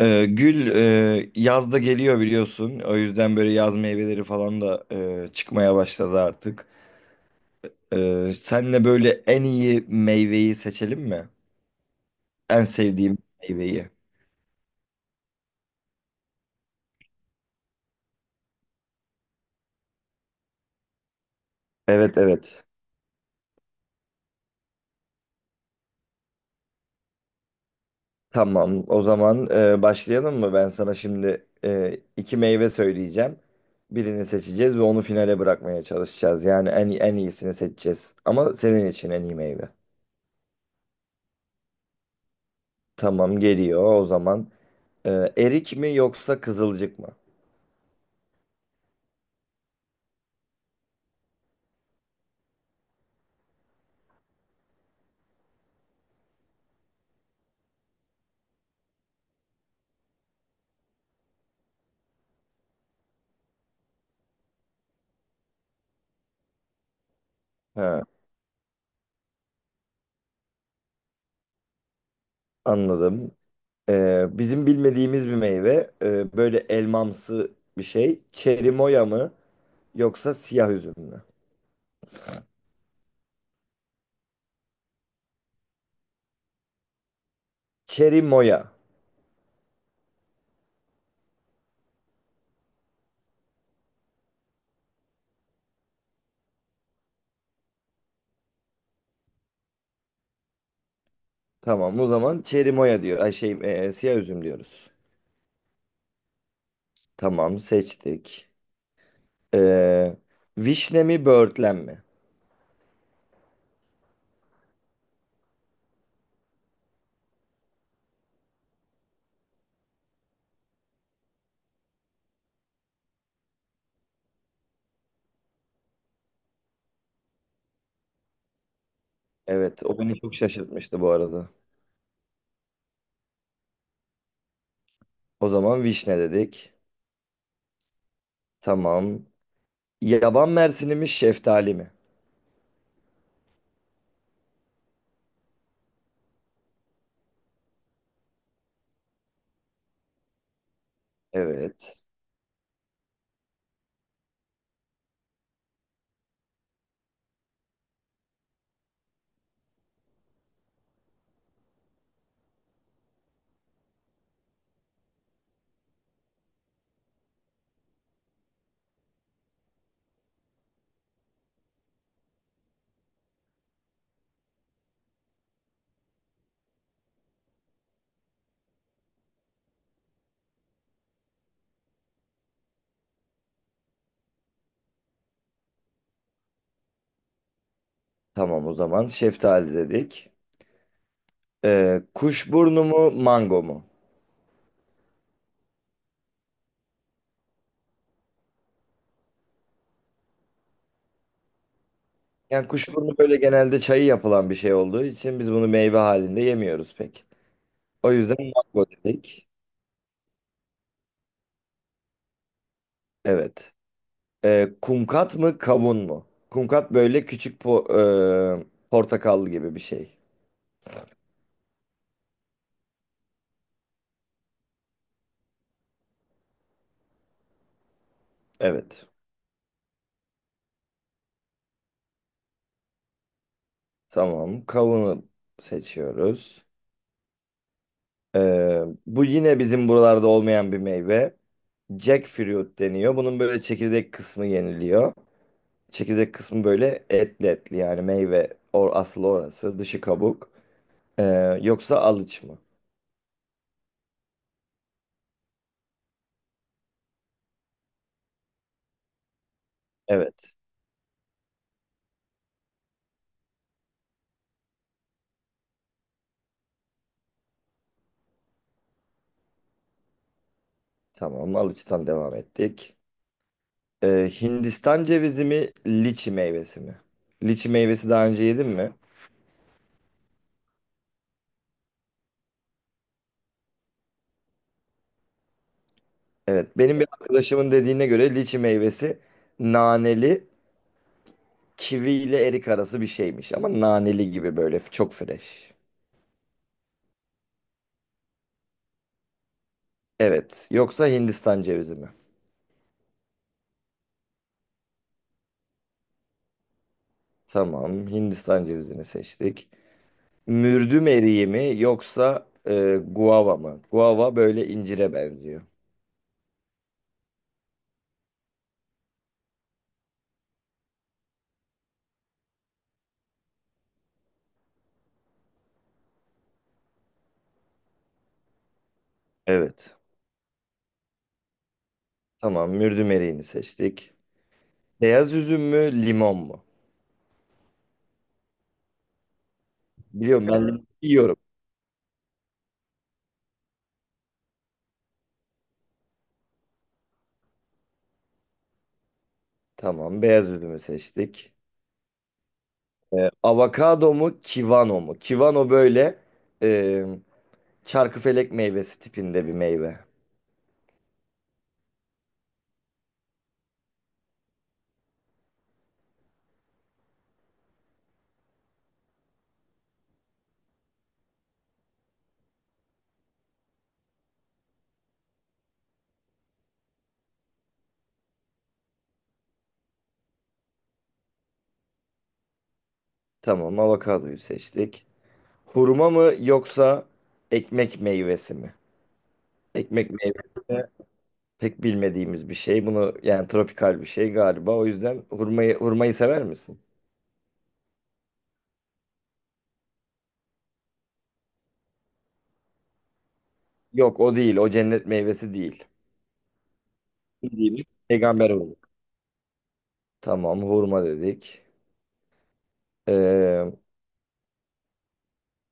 Yazda geliyor biliyorsun. O yüzden böyle yaz meyveleri falan da çıkmaya başladı artık. Senle böyle en iyi meyveyi seçelim mi? En sevdiğim meyveyi. Evet evet. Tamam. O zaman başlayalım mı? Ben sana şimdi iki meyve söyleyeceğim. Birini seçeceğiz ve onu finale bırakmaya çalışacağız. Yani en iyisini seçeceğiz. Ama senin için en iyi meyve. Tamam geliyor o zaman. Erik mi yoksa kızılcık mı? He. Anladım. Bizim bilmediğimiz bir meyve. Böyle elmamsı bir şey. Çerimoya mı yoksa siyah üzüm mü? Çerimoya. Tamam o zaman çerimoya diyor. Siyah üzüm diyoruz. Tamam seçtik. Ee, Vişne mi böğürtlen mi? Evet o beni çok şaşırtmıştı bu arada. O zaman vişne dedik. Tamam. Yaban mersini mi şeftali mi? Evet. Tamam o zaman şeftali dedik. Kuşburnu mu mango mu? Yani kuşburnu böyle genelde çayı yapılan bir şey olduğu için biz bunu meyve halinde yemiyoruz pek. O yüzden mango dedik. Evet. Kumkat mı kavun mu? Kumkat böyle portakal gibi bir şey. Evet. Tamam. Kavunu seçiyoruz. Bu yine bizim buralarda olmayan bir meyve. Jackfruit deniyor. Bunun böyle çekirdek kısmı yeniliyor. Çekirdek kısmı böyle etli etli yani meyve or asıl orası dışı kabuk. Yoksa alıç mı? Evet. Tamam. Alıç'tan devam ettik. Hindistan cevizi mi? Liçi meyvesi mi? Liçi meyvesi daha önce yedin mi? Evet. Benim bir arkadaşımın dediğine göre liçi meyvesi naneli, kivi ile erik arası bir şeymiş. Ama naneli gibi böyle çok fresh. Evet. Yoksa Hindistan cevizi mi? Tamam. Hindistan cevizini seçtik. Mürdüm eriği mi? Yoksa guava mı? Guava böyle incire benziyor. Evet. Tamam, mürdüm eriğini seçtik. Beyaz üzüm mü, limon mu? Biliyorum ben limon yiyorum. Tamam, beyaz üzümü seçtik. Avokado mu, kivano mu? Kivano böyle e, çarkıfelek meyvesi tipinde bir meyve. Tamam, avokadoyu seçtik. Hurma mı yoksa ekmek meyvesi mi? Ekmek meyvesi de pek bilmediğimiz bir şey. Bunu yani tropikal bir şey galiba. O yüzden hurmayı sever misin? Yok, o değil. O cennet meyvesi değil. Bildiğimiz peygamber hurması. Tamam hurma dedik. Ee,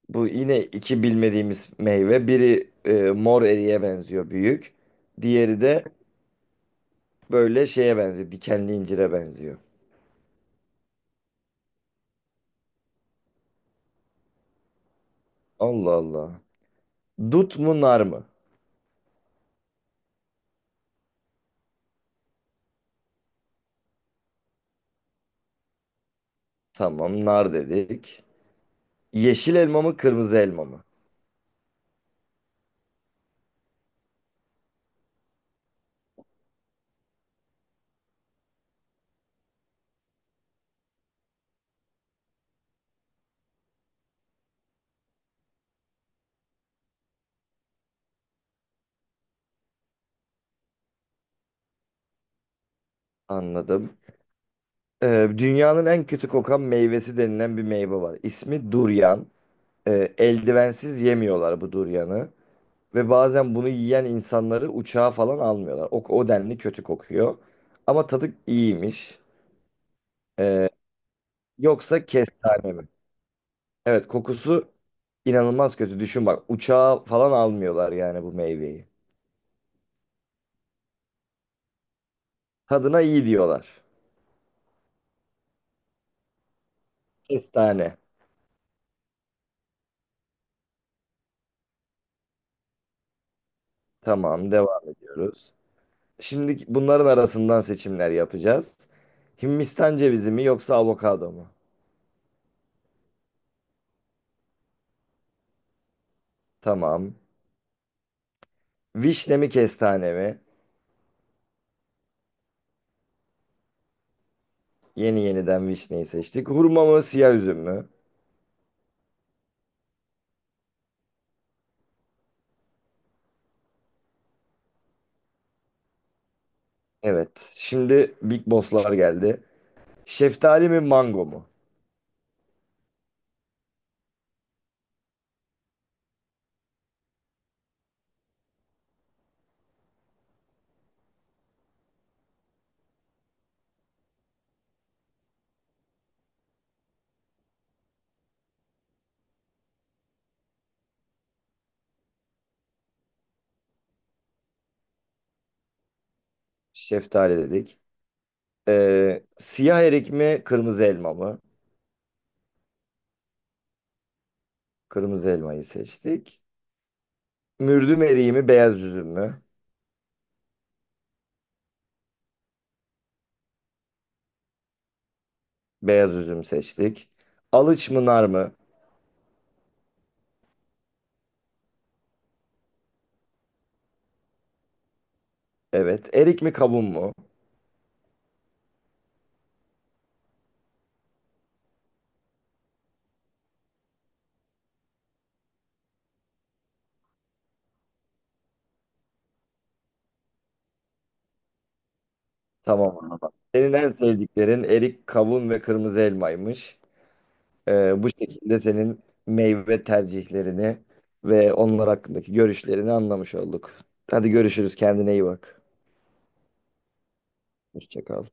Bu yine iki bilmediğimiz meyve. Biri mor eriye benziyor büyük. Diğeri de böyle şeye benziyor. Dikenli incire benziyor. Allah Allah. Dut mu nar mı? Tamam nar dedik. Yeşil elma mı kırmızı elma mı? Anladım. Dünyanın en kötü kokan meyvesi denilen bir meyve var. İsmi duryan. Eldivensiz yemiyorlar bu duryanı. Ve bazen bunu yiyen insanları uçağa falan almıyorlar. O, o denli kötü kokuyor. Ama tadı iyiymiş. Ee, Yoksa kestane mi? Evet kokusu inanılmaz kötü. Düşün bak uçağa falan almıyorlar yani bu meyveyi. Tadına iyi diyorlar. Kestane. Tamam devam ediyoruz. Şimdi bunların arasından seçimler yapacağız. Hindistan cevizi mi yoksa avokado mu? Tamam. Vişne mi kestane mi? Yeni yeniden vişneyi seçtik. Hurma mı siyah üzüm mü? Evet. Şimdi Big Boss'lar geldi. Şeftali mi mango mu? Şeftali dedik. Siyah erik mi kırmızı elma mı? Kırmızı elmayı seçtik. Mürdüm eriği mi beyaz üzüm mü? Beyaz üzüm seçtik. Alıç mı nar mı? Evet. Erik mi kavun mu? Tamam. Anladım. Senin en sevdiklerin erik, kavun ve kırmızı elmaymış. Bu şekilde senin meyve tercihlerini ve onlar hakkındaki görüşlerini anlamış olduk. Hadi görüşürüz. Kendine iyi bak. Hoşça kal.